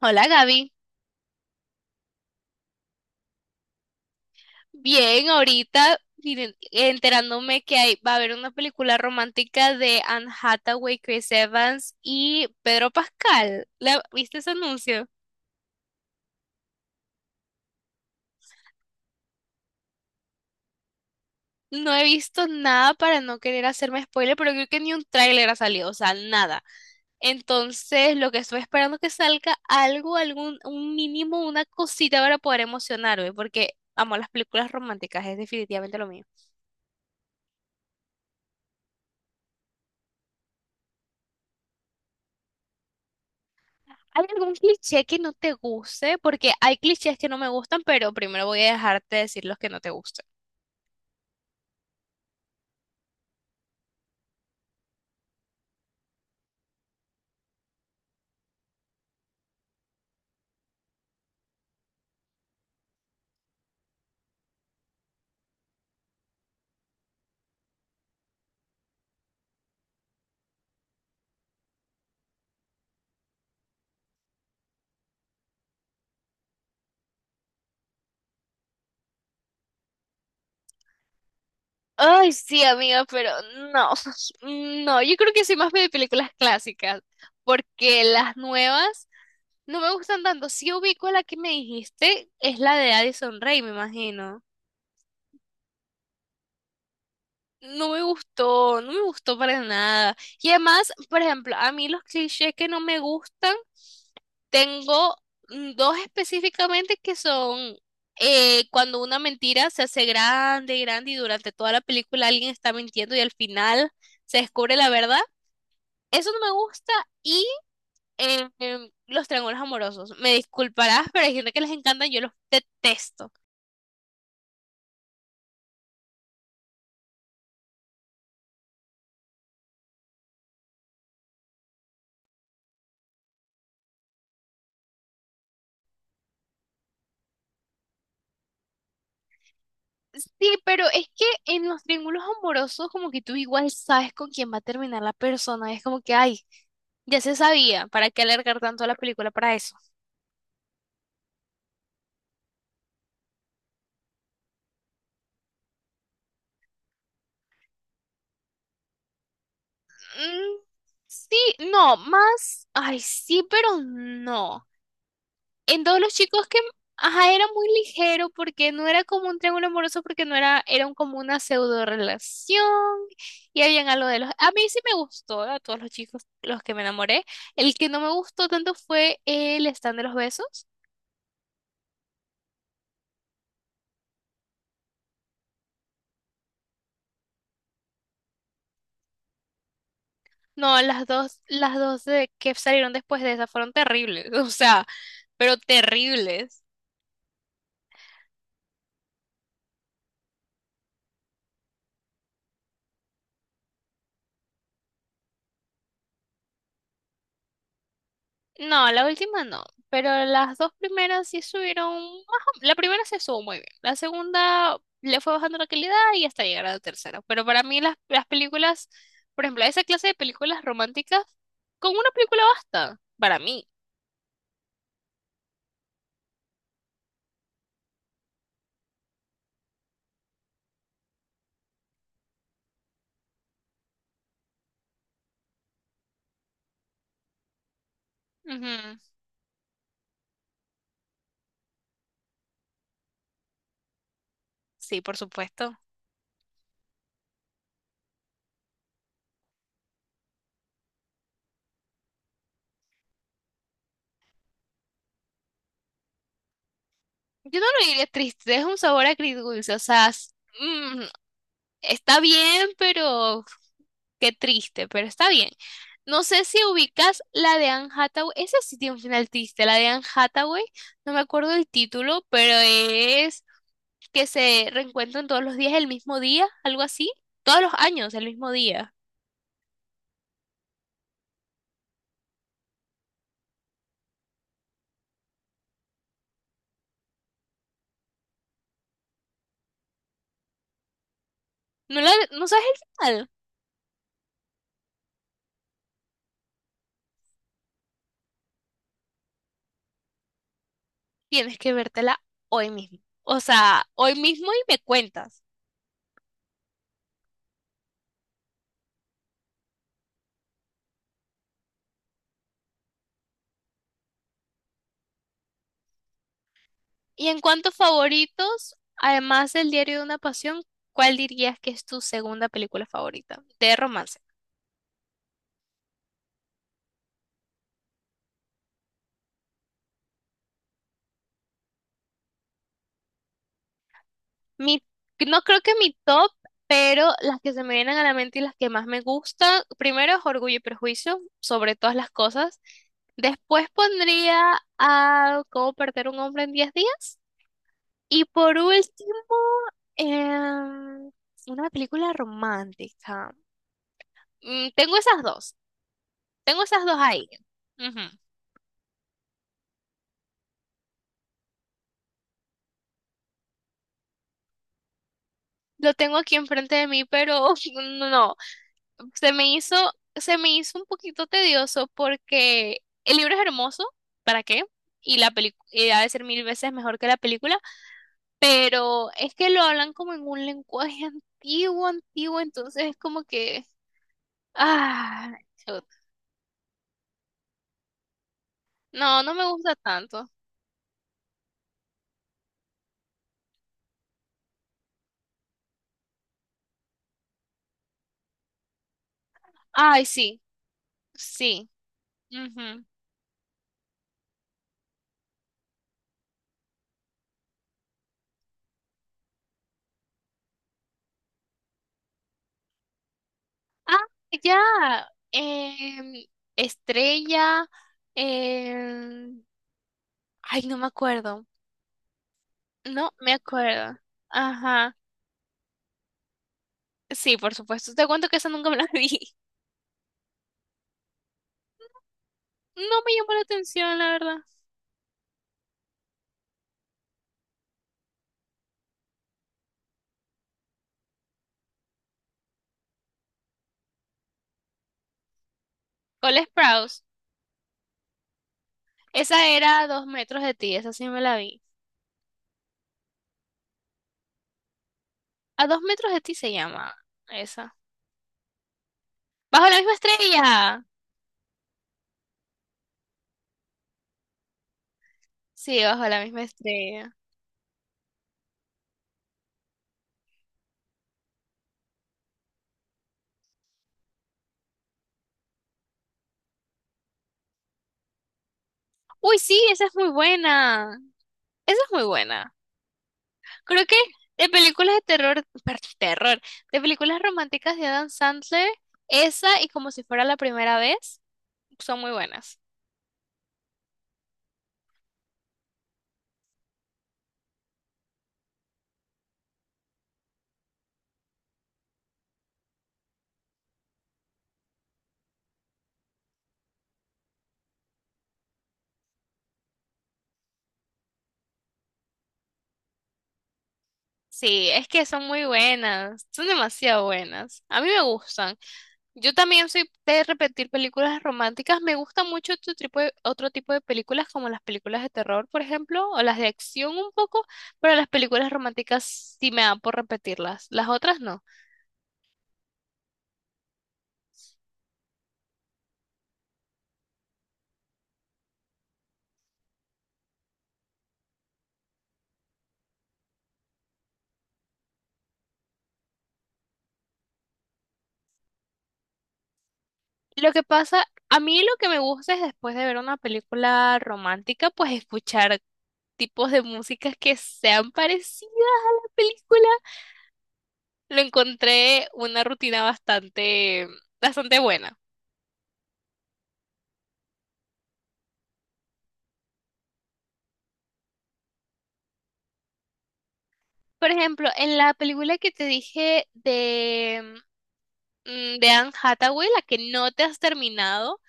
Hola Gaby, bien, ahorita miren, enterándome que va a haber una película romántica de Anne Hathaway, Chris Evans y Pedro Pascal. ¿Viste ese anuncio? No he visto nada para no querer hacerme spoiler, pero creo que ni un tráiler ha salido, o sea, nada. Entonces, lo que estoy esperando es que salga algo, un mínimo, una cosita para poder emocionarme, porque amo las películas románticas, es definitivamente lo mío. ¿Hay algún cliché que no te guste? Porque hay clichés que no me gustan, pero primero voy a dejarte decir los que no te gustan. Ay, sí, amiga, pero no, no, yo creo que soy más de películas clásicas, porque las nuevas no me gustan tanto. Si ubico la que me dijiste, es la de Addison Rae, me imagino. No me gustó, no me gustó para nada. Y además, por ejemplo, a mí los clichés que no me gustan, tengo dos específicamente que son cuando una mentira se hace grande, grande y durante toda la película alguien está mintiendo y al final se descubre la verdad. Eso no me gusta y los triángulos amorosos. Me disculparás, pero hay gente que les encanta, yo los detesto. Sí, pero es que en los triángulos amorosos como que tú igual sabes con quién va a terminar la persona, es como que, ay, ya se sabía, ¿para qué alargar tanto la película para eso? Mm, sí, no, más, ay, sí, pero no. En todos los chicos que, ajá, era muy ligero porque no era como un triángulo amoroso, porque no era, era como una pseudo relación y habían algo de los, a mí sí me gustó, a todos los chicos los que me enamoré, el que no me gustó tanto fue el stand de los besos. No, las dos de que salieron después de esa fueron terribles, o sea, pero terribles. No, la última no, pero las dos primeras sí subieron, ajá, la primera se subió muy bien, la segunda le fue bajando la calidad y hasta llegar a la tercera. Pero para mí las películas, por ejemplo, esa clase de películas románticas, con una película basta, para mí. Ujú. Sí, por supuesto. Yo no lo diría triste, es un sabor agridulce, o sea, mm, está bien, pero qué triste, pero está bien. No sé si ubicas la de Anne Hathaway. Esa sí tiene un final triste. La de Anne Hathaway, no me acuerdo el título, pero es que se reencuentran todos los días el mismo día, algo así. Todos los años el mismo día. ¿No, la, no sabes el final? Tienes que vértela hoy mismo. O sea, hoy mismo y me cuentas. Y en cuanto a favoritos, además del Diario de una Pasión, ¿cuál dirías que es tu segunda película favorita de romance? Mi, no creo que mi top, pero las que se me vienen a la mente y las que más me gustan, primero es Orgullo y Prejuicio, sobre todas las cosas. Después pondría a Cómo perder un hombre en 10 días. Y por último, em, una película romántica. Mm, tengo esas dos ahí. Ujú. Lo tengo aquí enfrente de mí, pero no, se me hizo, se me hizo un poquito tedioso porque el libro es hermoso, ¿para qué? Y la película ha de ser mil veces mejor que la película, pero es que lo hablan como en un lenguaje antiguo, antiguo, entonces es como que, ah, chut. No, no me gusta tanto. Ay, sí, sí. Ujú. Ah, ya. em, Estrella. em, Ay, no me acuerdo. No me acuerdo. Ajá. Sí, por supuesto. Te cuento que esa nunca me la vi. No me llamó la atención, la verdad. Cole Sprouse. Esa era a dos metros de ti, esa sí me la vi. A dos metros de ti se llama esa. Bajo la misma estrella. Sí, bajo la misma estrella. Uy, sí, esa es muy buena. Esa es muy buena. Creo que de películas de terror, per- terror, de películas románticas de Adam Sandler, esa y como si fuera la primera vez, son muy buenas. Sí, es que son muy buenas, son demasiado buenas. A mí me gustan. Yo también soy de repetir películas románticas. Me gusta mucho otro tipo de películas, como las películas de terror, por ejemplo, o las de acción un poco, pero las películas románticas sí me dan por repetirlas. Las otras no. Lo que pasa, a mí lo que me gusta es después de ver una película romántica, pues escuchar tipos de músicas que sean parecidas a la película. Lo encontré una rutina bastante buena. Por ejemplo, en la película que te dije de, de Anne Hathaway, la que no te has terminado,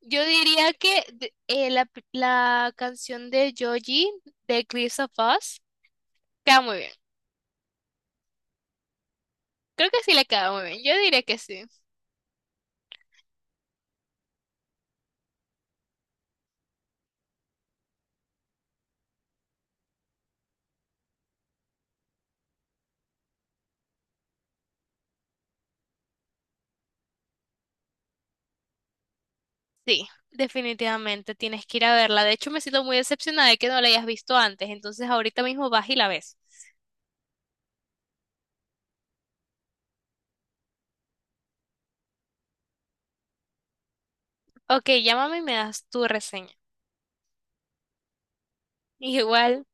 yo diría que la canción de Joji de Cliffs of Us queda muy bien. Creo que sí le queda muy bien. Yo diría que sí. Sí, definitivamente tienes que ir a verla. De hecho, me siento muy decepcionada de que no la hayas visto antes. Entonces, ahorita mismo vas y la ves. Ok, llámame y me das tu reseña. Igual.